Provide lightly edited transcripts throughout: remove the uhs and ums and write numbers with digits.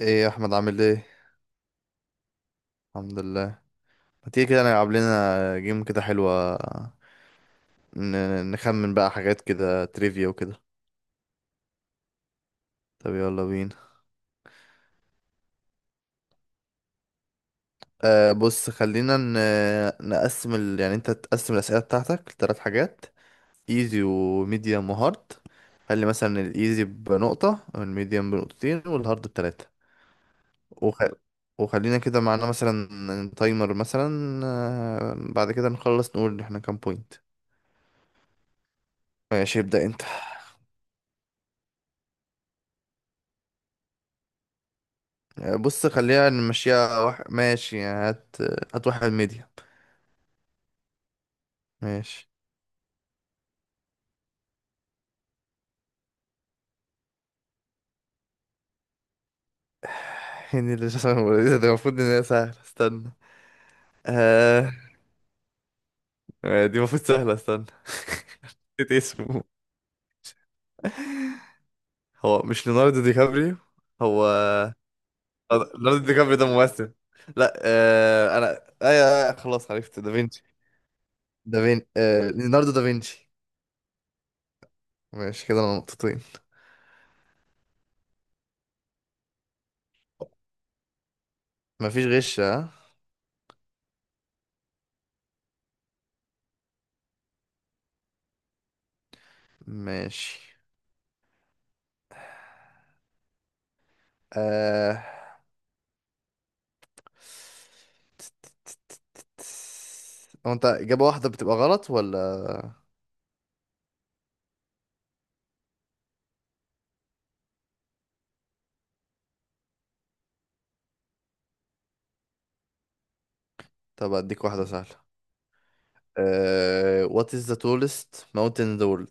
ايه يا احمد، عامل ايه؟ الحمد لله. ما تيجي كده نلعب لنا جيم كده حلوة؟ نخمن بقى حاجات كده، تريفيا وكده. طب يلا بينا. آه بص خلينا نقسم يعني انت تقسم الأسئلة بتاعتك لثلاث حاجات: ايزي وميديوم وهارد. خلي مثلا الايزي بنقطة، والميديوم بنقطتين، والهارد بتلاتة. وخ... وخلينا كده معانا مثلا تايمر مثلا. بعد كده نخلص نقول احنا كام بوينت. ماشي، ابدأ انت. بص خلينا نمشيها ماشي يعني هات. هات واحد ميديا. ماشي. هني اللي شخص ده، المفروض ان هي سهلة، استنى. آه... دي المفروض سهلة، استنى. نسيت اسمه. هو مش ليوناردو دي كابريو؟ هو ليوناردو دي كابريو ده ممثل. لا. انا ايوه، أيوة، خلاص عرفت دافينشي. ليوناردو دافينشي. ماشي كده، انا نقطتين. مفيش غش، ها؟ ماشي. آه... هو انت إجابة واحدة بتبقى غلط ولا؟ طب اديك واحدة سهلة. What is the tallest mountain in the world؟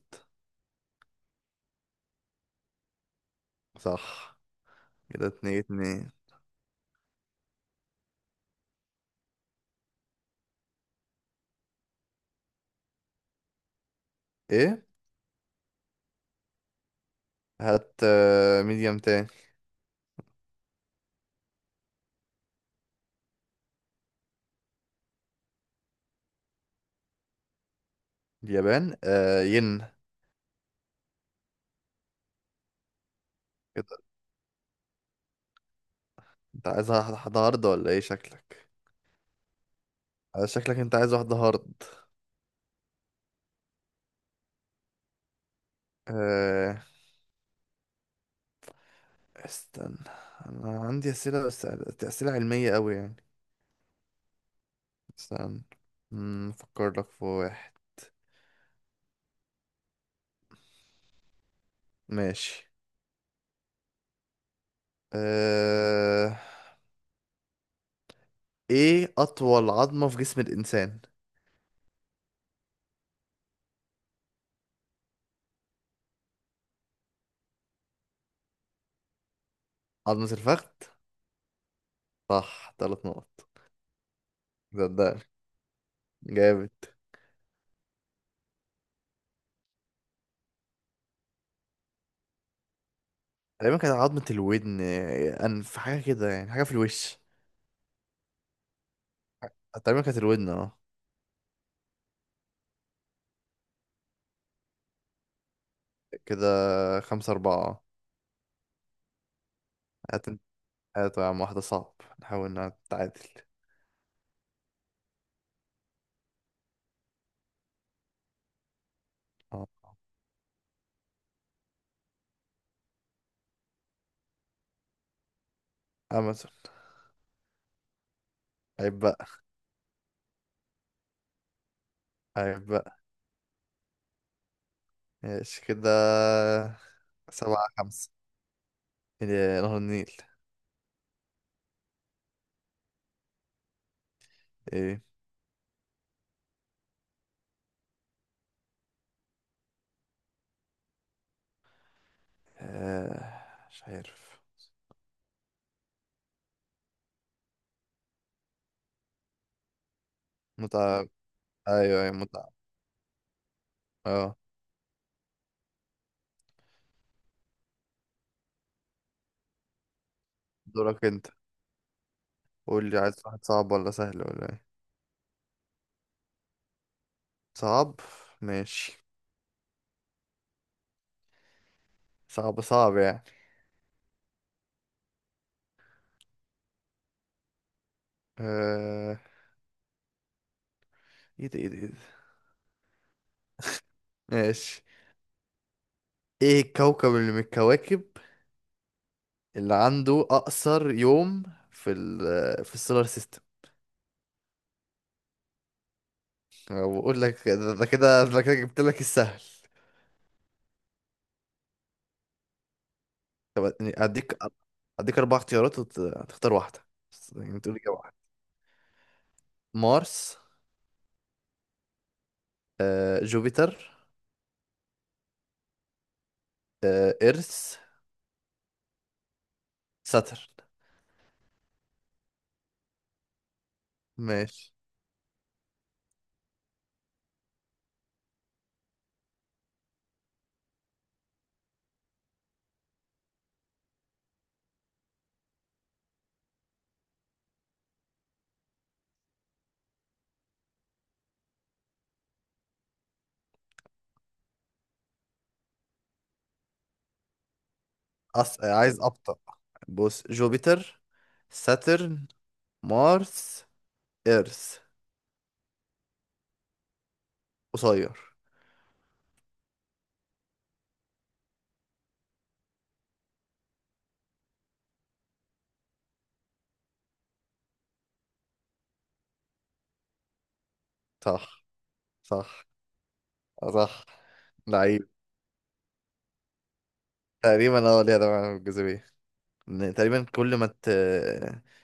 صح. كده اتنين اتنين. ايه؟ هات ميديم تاني. اليابان، ين. كده. انت عايز واحدة هارد ولا ايه، شكلك؟ شكلك انت عايز واحدة هارد. أه... استنى. انا عندي اسئلة بس، اسئلة علمية قوي يعني. استنى. افكر لك في واحد. ماشي. أه... ايه اطول عظمة في جسم الانسان؟ عظمة الفخذ. صح، ثلاث نقط. صدقني. جامد. تقريبا كانت عظمة الودن، انف حاجة كده يعني، حاجة في الوش. تقريبا كانت الودن، اه. كده خمسة أربعة. هات انت- هات يا عم واحدة صعب، نحاول نتعادل. اه. أمازون. عيب بقى. عيب بقى. ماشي كده. سبعة خمسة. إيه، نهر النيل. ايه؟ آه، مش عارف. متعب؟ ايوه، ايوه، متعب. اه. دورك انت. قول لي عايز واحد صعب ولا سهل ولا ايه؟ صعب. ماشي. صعب، صعب يعني. آه... ايه ده، ايه ده، ايه ده! ماشي. ايه الكوكب اللي من الكواكب اللي عنده اقصر يوم في السولار سيستم؟ بقول لك ده ده كده، ده كده جبت لك السهل. طب يعني اديك، اربع اختيارات وتختار واحده، بس يعني تقول اجابه واحده. مارس. جوبيتر. ايرث. ساترن. ماشي. عايز ابطأ. بص: جوبيتر، ساترن، مارس، ايرث. قصير. صح. صح. صح. لعيب. تقريبا اه، ليها دعوة بالجاذبية. إن تقريبا كل ما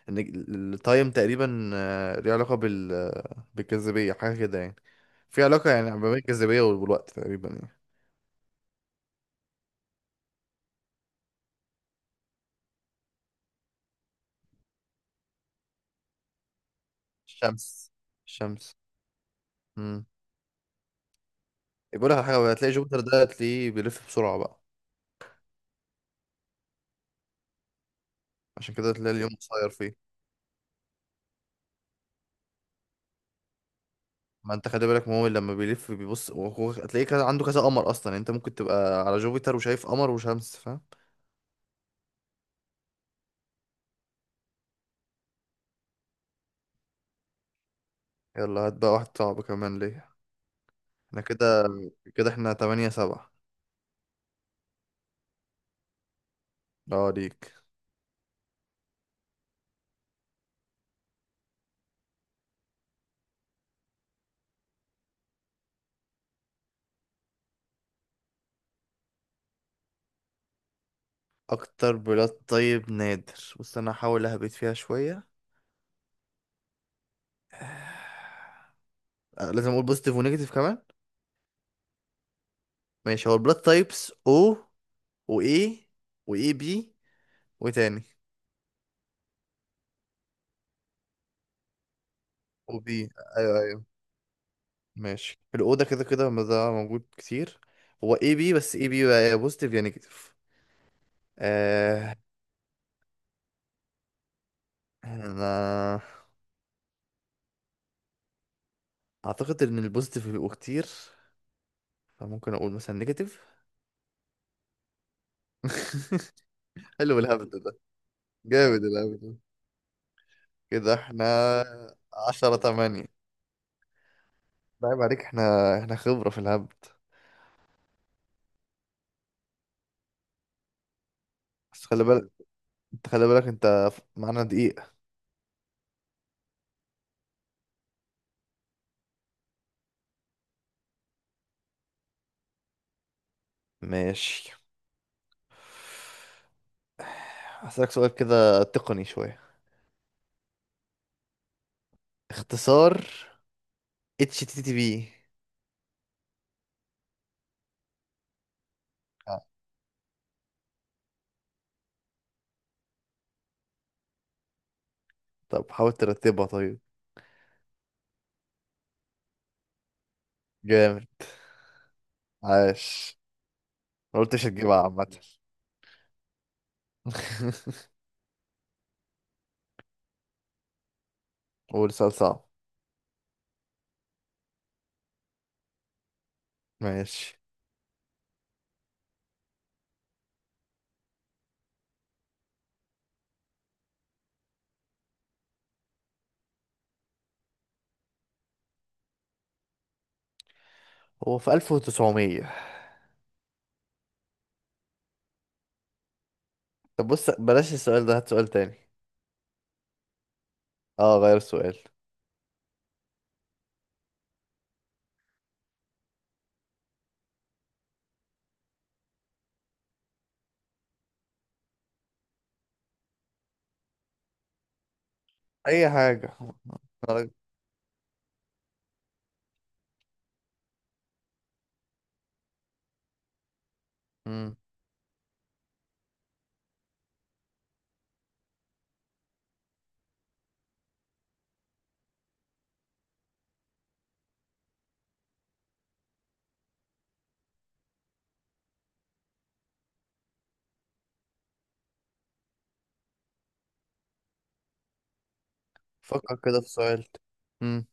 ان التايم تقريبا ليه علاقة بالجاذبية، حاجة كده يعني. في علاقة يعني ما بين الجاذبية والوقت تقريبا يعني. الشمس. الشمس. امم. بقول لك على حاجة، هتلاقي جوبيتر ده هتلاقيه بيلف بسرعة بقى. عشان كده هتلاقي اليوم قصير فيه. ما انت خلي بالك، ما هو لما بيلف بيبص، وهو هتلاقيه كذا، عنده كذا قمر اصلا، يعني انت ممكن تبقى على جوبيتر وشايف قمر وشمس، فاهم؟ يلا هات بقى واحد صعب كمان ليه. احنا كده، كده احنا تمانية سبعة. اه، ليك. اكتر بلاد، طيب نادر، بص انا هحاول اهبط فيها شوية. لازم اقول بوزيتيف ونيجاتيف كمان. ماشي، هو البلاد تايبس او، واي، واي بي، وتاني، وبي. ايوه، ايوه. ماشي الأوضة، كده كده ما ده موجود كتير. هو اي بي، بس اي بي بقى يا بوزيتيف يا نيجاتيف. آه. انا اعتقد ان البوزيتيف بيبقوا كتير، فممكن اقول مثلا نيجاتيف. حلو الهبد ده. جامد الهبد ده. كده احنا عشرة تمانية. لعيب عليك، احنا خبرة في الهبد. بس خلي بالك، انت خلي بالك انت معانا دقيقة. ماشي. هسألك سؤال كده تقني شوية: اختصار اتش تي تي بي. طب حاول ترتبها طيب. جامد. عاش. ما قلتش هتجيبها، عامة. قول سؤال صعب. ماشي. هو في 1900؟ طب بص، بلاش السؤال ده، هات سؤال تاني. اه، غير السؤال. اي حاجة. أنا- مم. فكر كده في سؤال. مم.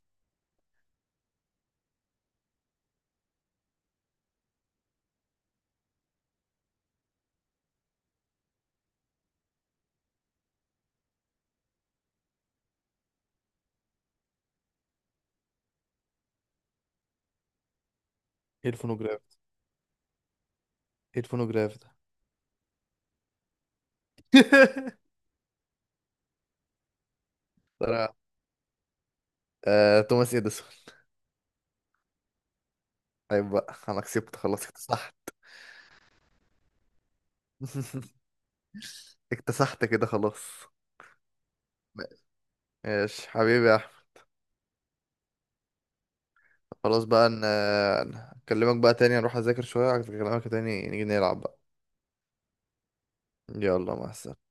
ايه الفونوجراف؟ ايه الفونوجراف ده؟ ترى. توماس اديسون. طيب بقى انا كسبت، خلاص اكتسحت. اكتسحت كده خلاص. ماشي حبيبي يا احمد. خلاص بقى، نكلمك بقى تاني، نروح اذاكر شوية، اكلمك تاني، نيجي نلعب بقى. يلا، مع السلامة.